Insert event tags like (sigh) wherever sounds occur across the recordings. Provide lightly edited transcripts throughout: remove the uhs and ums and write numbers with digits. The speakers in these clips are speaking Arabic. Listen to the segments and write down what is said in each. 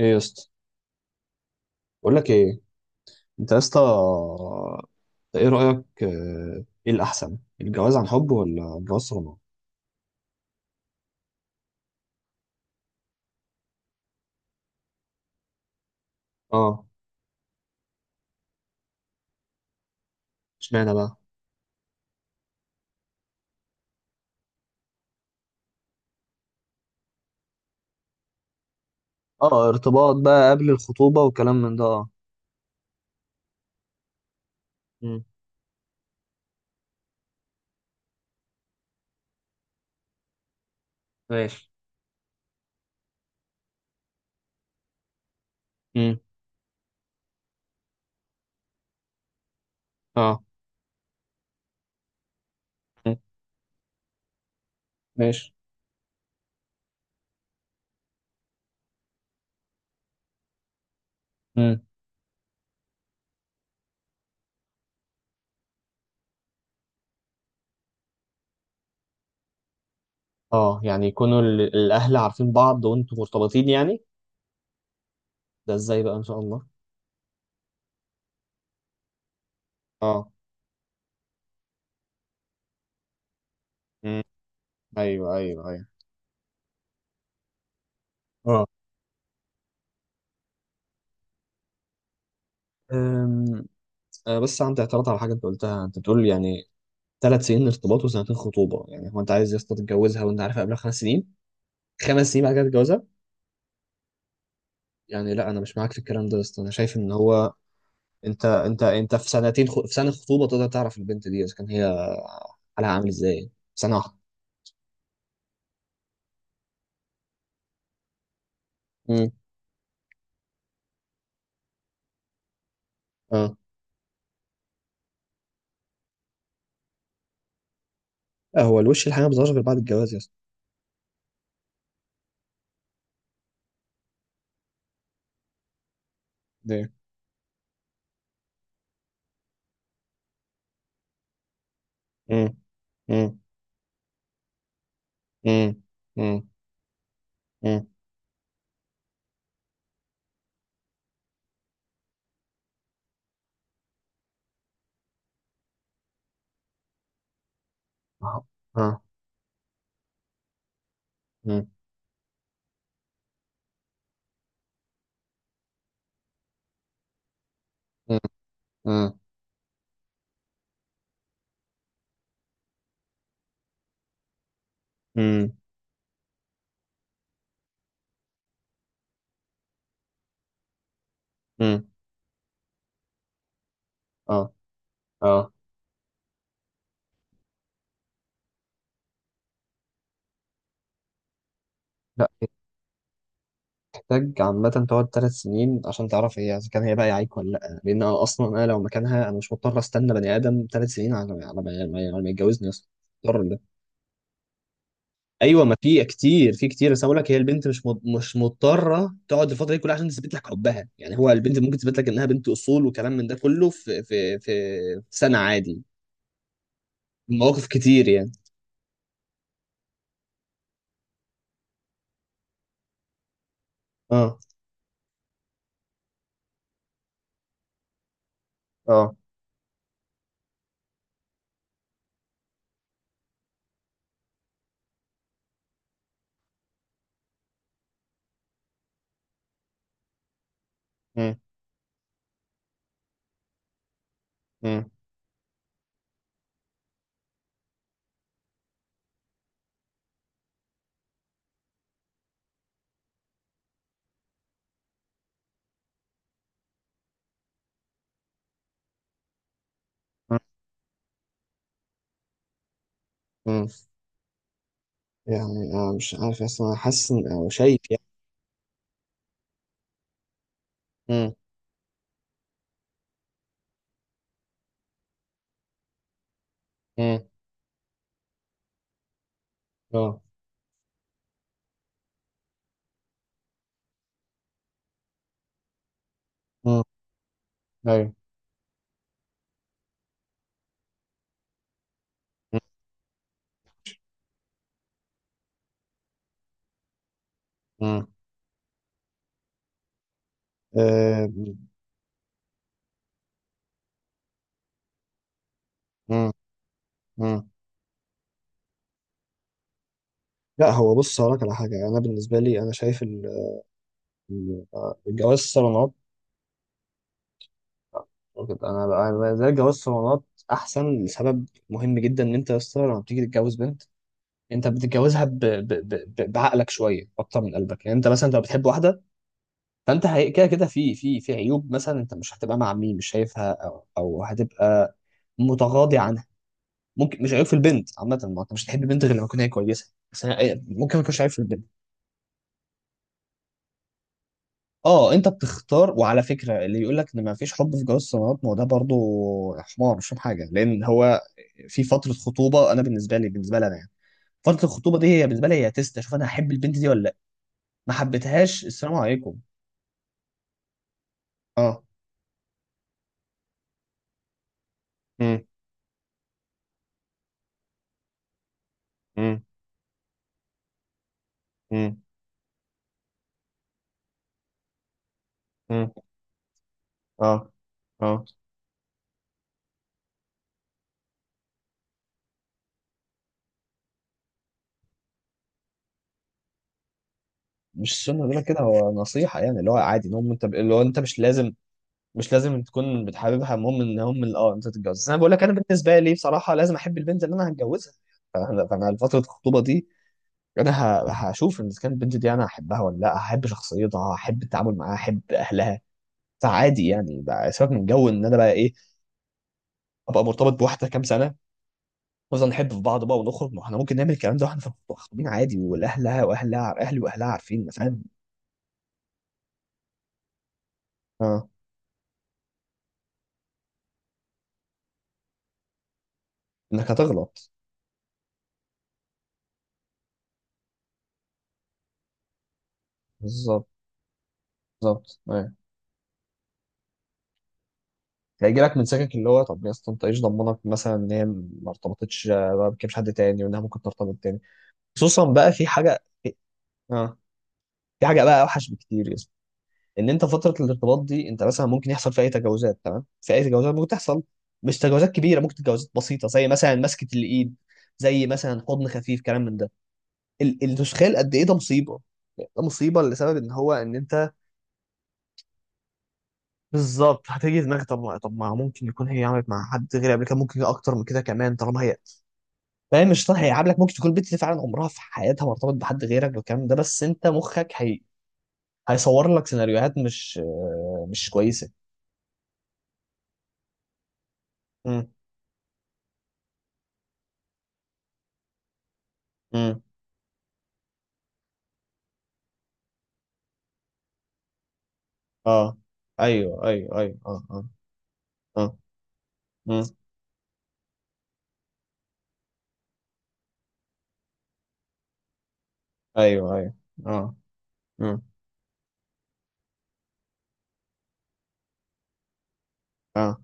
ايه يا اسطى. بقول لك ايه. انت يا اسطى، انت ايه رايك، ايه الاحسن، الجواز عن حب ولا الجواز صالونات؟ اه. اشمعنى بقى؟ اه، ارتباط بقى قبل الخطوبة وكلام من ده، اه. امم. ماشي. امم. اه. مم. ماشي. امم. اه، يعني يكونوا الاهل عارفين بعض وانتوا مرتبطين يعني. ده ازاي بقى ان شاء الله؟ اه. امم. ايوه، ايوه، ايوه، اه. أم، بس عندي اعتراض على حاجه انت قلتها، انت بتقول يعني 3 سنين ارتباط وسنتين خطوبه، يعني هو انت عايز يا اسطى تتجوزها وانت عارفها قبلها 5 سنين؟ 5 سنين بعد كده تتجوزها؟ يعني لا، انا مش معاك في الكلام ده يا اسطى. انا شايف ان هو انت انت في في سنه خطوبه تقدر تعرف البنت دي اذا كان هي حالها عامل ازاي. سنه واحده. امم. اه. هو الوش الحقيقي ما بيظهرش غير بعد الجواز يا اسطى. ليه؟ مم. مم. مم. مم. مم. اه. اه. مم. مم. مم. مم. مم. اه. اه. لا، محتاج عامة تقعد 3 سنين عشان تعرف هي إذا كان هي بقى يعيك ولا لأ؟ لأن أنا أصلا أنا لو مكانها أنا مش مضطر أستنى بني آدم 3 سنين على ما، على ما يتجوزني أصلا. مضطر ده؟ أيوه، ما في كتير، في كتير، بس أنا بقول لك هي البنت مش مضطرة تقعد الفترة دي كلها عشان تثبت لك حبها. يعني هو البنت ممكن تثبت لك إنها بنت أصول وكلام من ده كله في في سنة عادي. مواقف كتير يعني. اه. اه. مم. مم. مم. مم. يعني أنا مش عارف أصلا، أنا حاسس أو شايف يعني. مم. مم. اه. ايوه. مم. آه، مم. مم. لا، هو بص هقولك على حاجة. أنا بالنسبة لي أنا شايف ال- الجواز صالونات. أنا بالنسبة لي جواز صالونات أحسن لسبب مهم جدا. إن أنت يا اسطى لما بتيجي تتجوز بنت، أنت بتتجوزها بعقلك شوية أكتر من قلبك. يعني أنت مثلا لو بتحب واحدة، فأنت كده كده في في عيوب مثلا. أنت مش هتبقى مع مين مش شايفها، أو هتبقى متغاضي عن، ممكن مش عيب في البنت عامة، ما انت مش هتحب البنت غير لما تكون هي كويسة. بس انا ممكن ما يكونش عيب في البنت. اه، انت بتختار، وعلى فكرة اللي يقول لك ان ما فيش حب في جواز الصالونات، ما هو ده برضه حمار مش فاهم حاجة، لان هو في فترة خطوبة. انا بالنسبة لي انا يعني فترة الخطوبة دي هي بالنسبة لي هي تيست اشوف انا هحب البنت دي ولا لا. ما حبيتهاش السلام عليكم. اه. امم. امم. امم. امم. اه. اه. مش السنة بيقول لك كده، هو نصيحة يعني اللي هو عادي ان هو انت، اللي هو انت مش لازم، مش لازم تكون بتحببها، المهم ان هم اه انت تتجوز. بس انا بقول لك انا بالنسبه لي بصراحه لازم احب البنت اللي انا هتجوزها. فأنا فتره الخطوبه دي انا هشوف ان إذا كانت البنت دي انا هحبها ولا لا، هحب شخصيتها، هحب التعامل معاها، هحب اهلها. فعادي يعني بقى، سيبك من جو ان انا بقى ايه، ابقى مرتبط بواحده كام سنه، نفضل نحب في بعض بقى ونخرج. ما احنا ممكن نعمل الكلام ده واحنا خطوبين عادي، والاهلها واهلها، اهلي واهلها عارفين، فاهم. اه، انك هتغلط. بالظبط. بالظبط، أيوة. هيجي لك من سكك اللي هو، طب يا اسطى انت ايش ضمنك مثلا ان هي ما ارتبطتش، ما بتكلمش حد تاني، وانها ممكن ترتبط تاني. خصوصا بقى في حاجه. اه. في حاجه بقى اوحش بكتير يا اسطى، ان انت فتره الارتباط دي انت مثلا ممكن يحصل فيها اي تجاوزات. تمام. في اي تجاوزات ممكن تحصل، مش تجاوزات كبيره، ممكن تجاوزات بسيطه، زي مثلا مسكه الايد، زي مثلا حضن خفيف كلام من ده. انت مش متخيل قد ايه ده مصيبه. ده مصيبه لسبب ان هو ان انت. بالظبط. هتيجي في دماغك طب ما، طب ما ممكن يكون هي عملت مع حد غير قبل كده، ممكن اكتر من كده كمان، طالما هي فاهم. مش صح؟ هيقعد لك، ممكن تكون البت دي فعلا عمرها في حياتها ما ارتبط بحد غيرك والكلام ده، بس انت مخك هيصور لك سيناريوهات مش، مش كويسه. امم. امم. اه. ايوه، ايوه، ايوه، اه، اه. اه. امم. ايوه، ايوه، اه. امم. اه.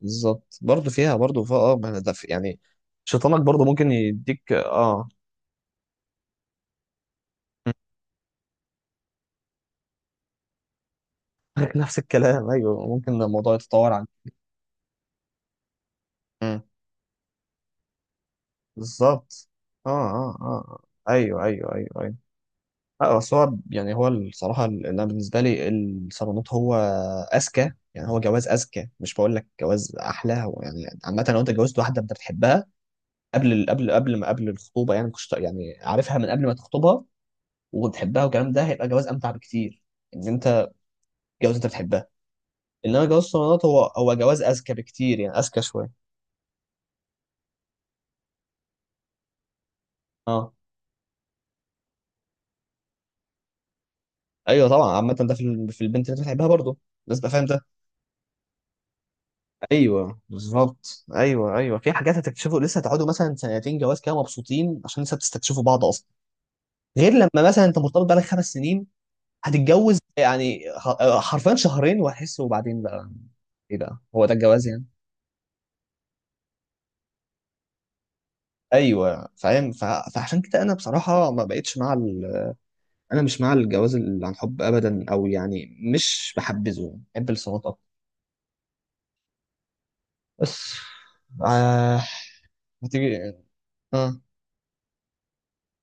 بالظبط، برضه فيها، برضه فيها اه، ما أنا ده يعني شيطانك برضه ممكن يديك اه. مم. (laughs) نفس الكلام. ايوه، ممكن الموضوع يتطور عن. مم. بالظبط. اه، اه، اه. آه. ايوه، ايوه، ايوه، أيوه. لا بس هو يعني هو الصراحة اللي أنا بالنسبة لي الصالونات هو أذكى، يعني هو جواز أذكى، مش بقول لك جواز أحلى. هو يعني عامة لو أنت جوزت واحدة أنت بتحبها قبل قبل قبل ما قبل الخطوبة، يعني كنت يعني عارفها من قبل ما تخطبها وبتحبها والكلام ده، هيبقى جواز أمتع بكتير. إن أنت جواز أنت بتحبها. إنما جواز الصالونات هو جواز أذكى بكتير، يعني أذكى شوية. أه. أيوه طبعا، عامة ده في في البنت اللي أنت بتحبها برضه لازم تبقى فاهم ده. ايوه بالظبط، ايوه، ايوه. في حاجات هتكتشفوا لسه، هتقعدوا مثلا سنتين جواز كده مبسوطين عشان لسه بتستكشفوا بعض اصلا. غير لما مثلا انت مرتبط بقالك 5 سنين، هتتجوز يعني حرفيا شهرين وهتحس وبعدين بقى ايه ده. هو ده الجواز يعني. ايوه فاهم. فعشان كده انا بصراحه ما بقتش مع انا مش مع الجواز اللي عن حب ابدا، او يعني مش بحبذه، بحب الصالونات اكتر. بس. آه... هتيجي. اه.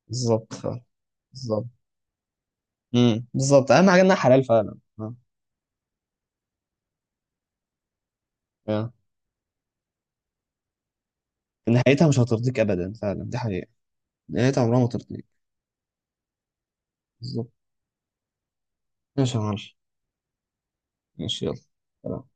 بالظبط. بالظبط. بالظبط، اهم حاجه انها حلال، فعلا اه. آه. نهايتها مش هترضيك ابدا، فعلا دي حقيقه. نهايتها عمرها ما ترضيك. بالظبط. ماشي يا معلم. ماشي يلا. سلام.